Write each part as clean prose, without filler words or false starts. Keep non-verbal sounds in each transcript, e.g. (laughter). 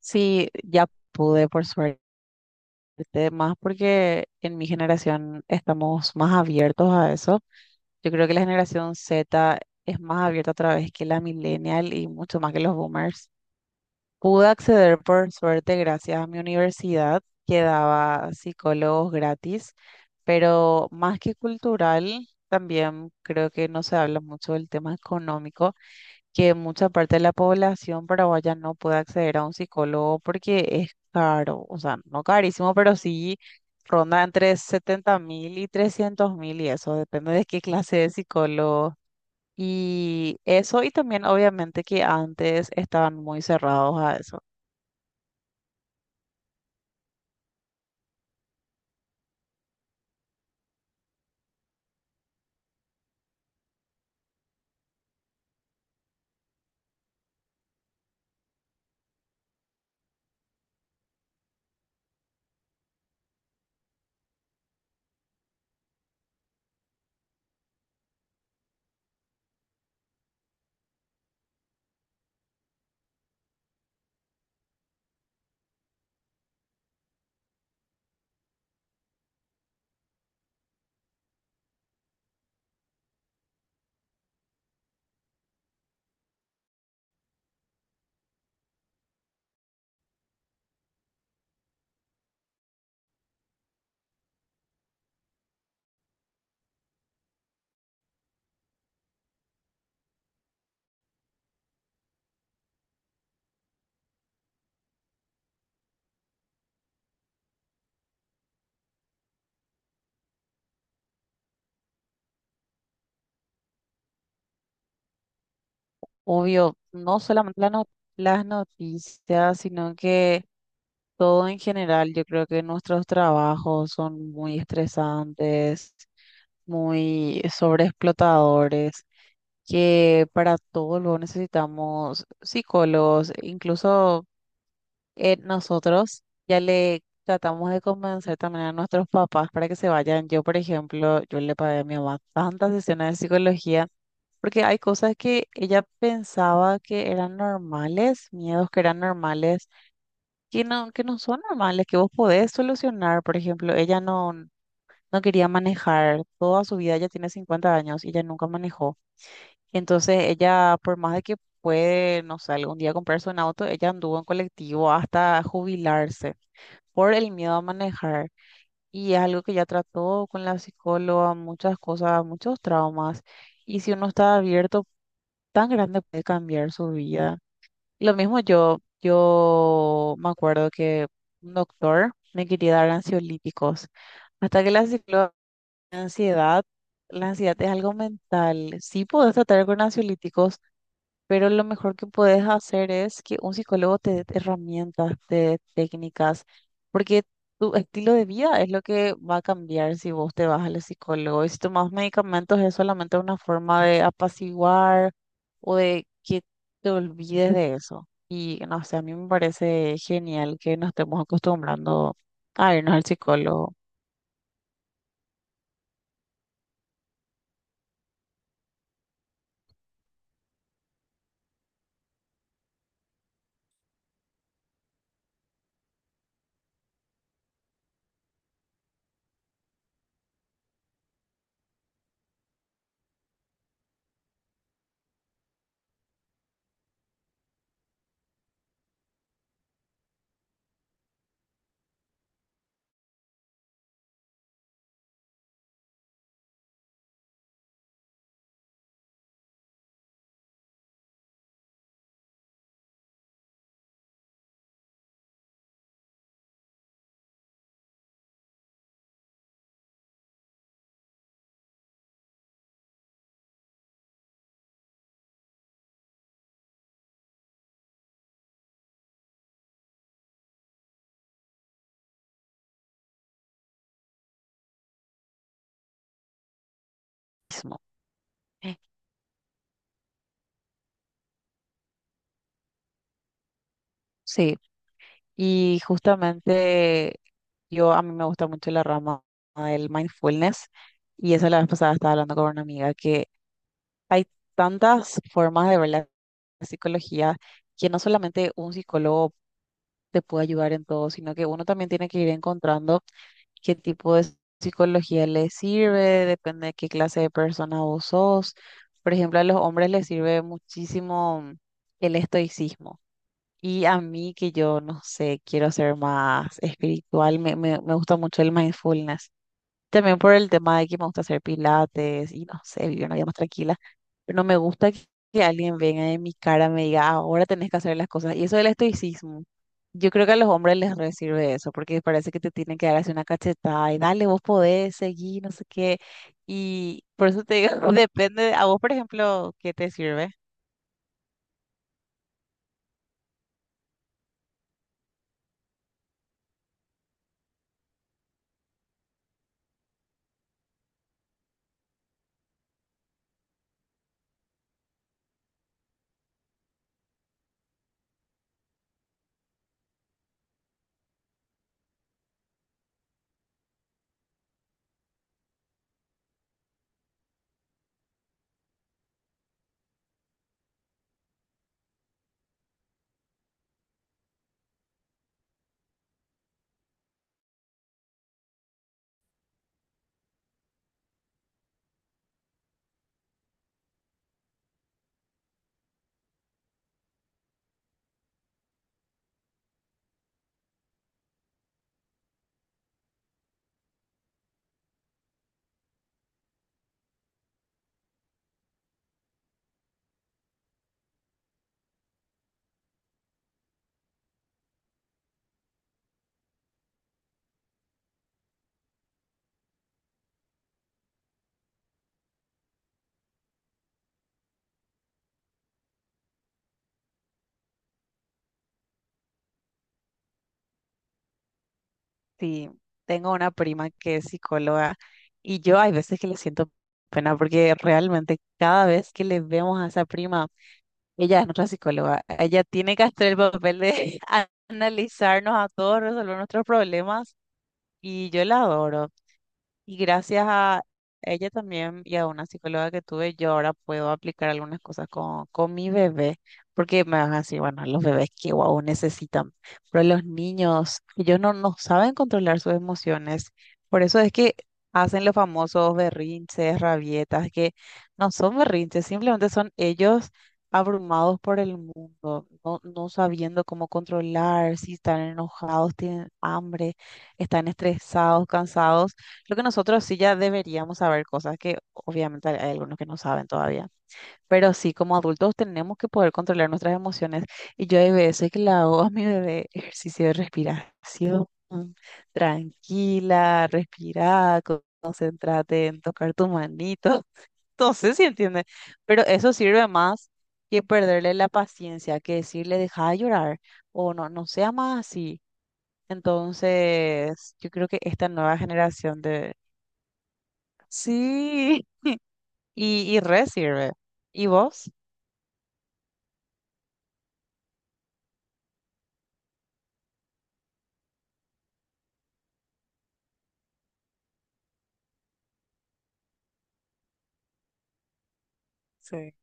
Sí, ya pude, por suerte, más porque en mi generación estamos más abiertos a eso. Yo creo que la generación Z es más abierta otra vez que la millennial y mucho más que los boomers. Pude acceder, por suerte, gracias a mi universidad, que daba psicólogos gratis, pero más que cultural, también creo que no se habla mucho del tema económico que mucha parte de la población paraguaya no puede acceder a un psicólogo porque es caro, o sea, no carísimo, pero sí ronda entre 70 mil y 300 mil y eso depende de qué clase de psicólogo. Y eso, y también obviamente que antes estaban muy cerrados a eso. Obvio, no solamente la no- las noticias, sino que todo en general, yo creo que nuestros trabajos son muy estresantes, muy sobreexplotadores, que para todo luego necesitamos psicólogos, incluso nosotros ya le tratamos de convencer también a nuestros papás para que se vayan. Yo, por ejemplo, yo le pagué a mi mamá tantas sesiones de psicología. Porque hay cosas que ella pensaba que eran normales, miedos que eran normales, que no son normales, que vos podés solucionar. Por ejemplo, ella no, no quería manejar. Toda su vida, ella tiene 50 años y ella nunca manejó. Entonces ella, por más de que puede, no sé, algún día comprarse un auto, ella anduvo en colectivo hasta jubilarse por el miedo a manejar. Y es algo que ya trató con la psicóloga, muchas cosas, muchos traumas. Y si uno está abierto, tan grande puede cambiar su vida. Lo mismo yo, me acuerdo que un doctor me quería dar ansiolíticos. Hasta que la psicóloga, la ansiedad, la ansiedad es algo mental. Sí puedes tratar con ansiolíticos, pero lo mejor que puedes hacer es que un psicólogo te dé herramientas, te dé técnicas, porque tu estilo de vida es lo que va a cambiar si vos te vas al psicólogo. Y si tomas medicamentos es solamente una forma de apaciguar o de que te olvides de eso. Y no sé, a mí me parece genial que nos estemos acostumbrando a irnos al psicólogo mismo. Sí. Y justamente yo, a mí me gusta mucho la rama del mindfulness y eso, la vez pasada estaba hablando con una amiga que hay tantas formas de ver la psicología, que no solamente un psicólogo te puede ayudar en todo, sino que uno también tiene que ir encontrando qué tipo de psicología le sirve, depende de qué clase de persona vos sos. Por ejemplo, a los hombres les sirve muchísimo el estoicismo, y a mí que yo, no sé, quiero ser más espiritual, me gusta mucho el mindfulness. También por el tema de que me gusta hacer pilates y no sé, vivir una vida más tranquila. Pero no me gusta que alguien venga en mi cara y me diga, "Ah, ahora tenés que hacer las cosas". Y eso del estoicismo, yo creo que a los hombres les re sirve eso, porque parece que te tienen que dar así una cachetada y dale, vos podés seguir, no sé qué. Y por eso te digo, (laughs) depende, a vos, por ejemplo, ¿qué te sirve? Sí, tengo una prima que es psicóloga, y yo hay veces que le siento pena porque realmente cada vez que le vemos a esa prima, ella es nuestra psicóloga, ella tiene que hacer el papel de (laughs) analizarnos a todos, resolver nuestros problemas, y yo la adoro. Y gracias a ella también, y a una psicóloga que tuve, yo ahora puedo aplicar algunas cosas con mi bebé, porque me van a decir, bueno, los bebés que guau necesitan, pero los niños, ellos no, no saben controlar sus emociones, por eso es que hacen los famosos berrinches, rabietas, que no son berrinches, simplemente son ellos abrumados por el mundo, no, no sabiendo cómo controlar, si están enojados, tienen hambre, están estresados, cansados. Creo que nosotros sí ya deberíamos saber cosas, que obviamente hay algunos que no saben todavía, pero sí como adultos tenemos que poder controlar nuestras emociones. Y yo hay veces que le hago a mi bebé ejercicio de respiración, tranquila, respira, concéntrate en tocar tu manito. (laughs) No sé si entiende, pero eso sirve más que perderle la paciencia, que decirle deja de llorar, o no, no sea más así. Entonces, yo creo que esta nueva generación de sí, y re sirve. ¿Y vos? Sí.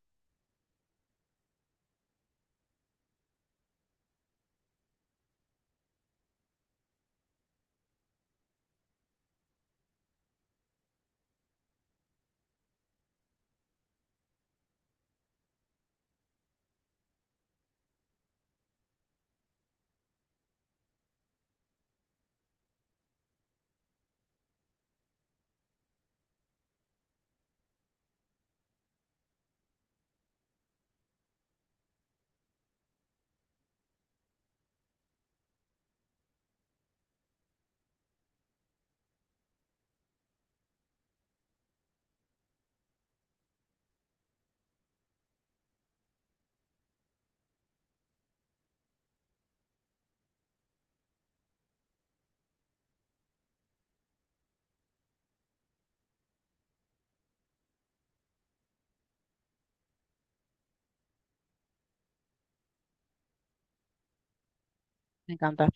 Me encanta.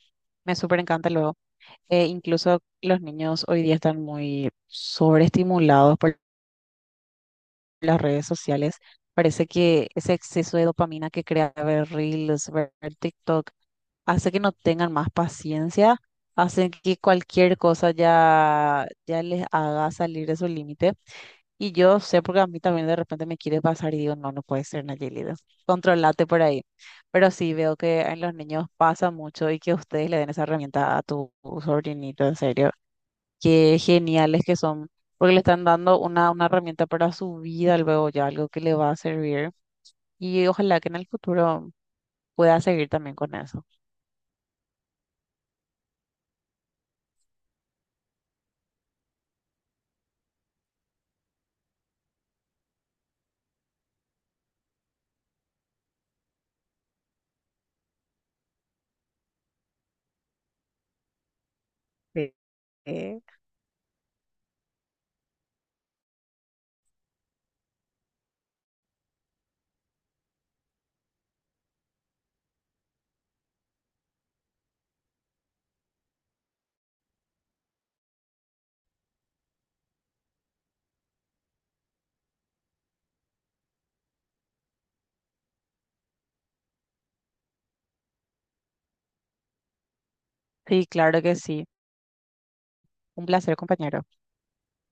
Me súper encanta luego. Incluso los niños hoy día están muy sobreestimulados por las redes sociales. Parece que ese exceso de dopamina que crea ver Reels, ver TikTok, hace que no tengan más paciencia, hace que cualquier cosa ya, ya les haga salir de su límite. Y yo sé porque a mí también de repente me quiere pasar y digo, no, no puede ser, Nayelida, controlate por ahí. Pero sí veo que en los niños pasa mucho, y que ustedes le den esa herramienta a tu sobrinito, en serio. Qué geniales que son, porque le están dando una herramienta para su vida luego ya, algo que le va a servir. Y ojalá que en el futuro pueda seguir también con eso. Sí. Eh, sí, claro que sí. Un placer, compañero.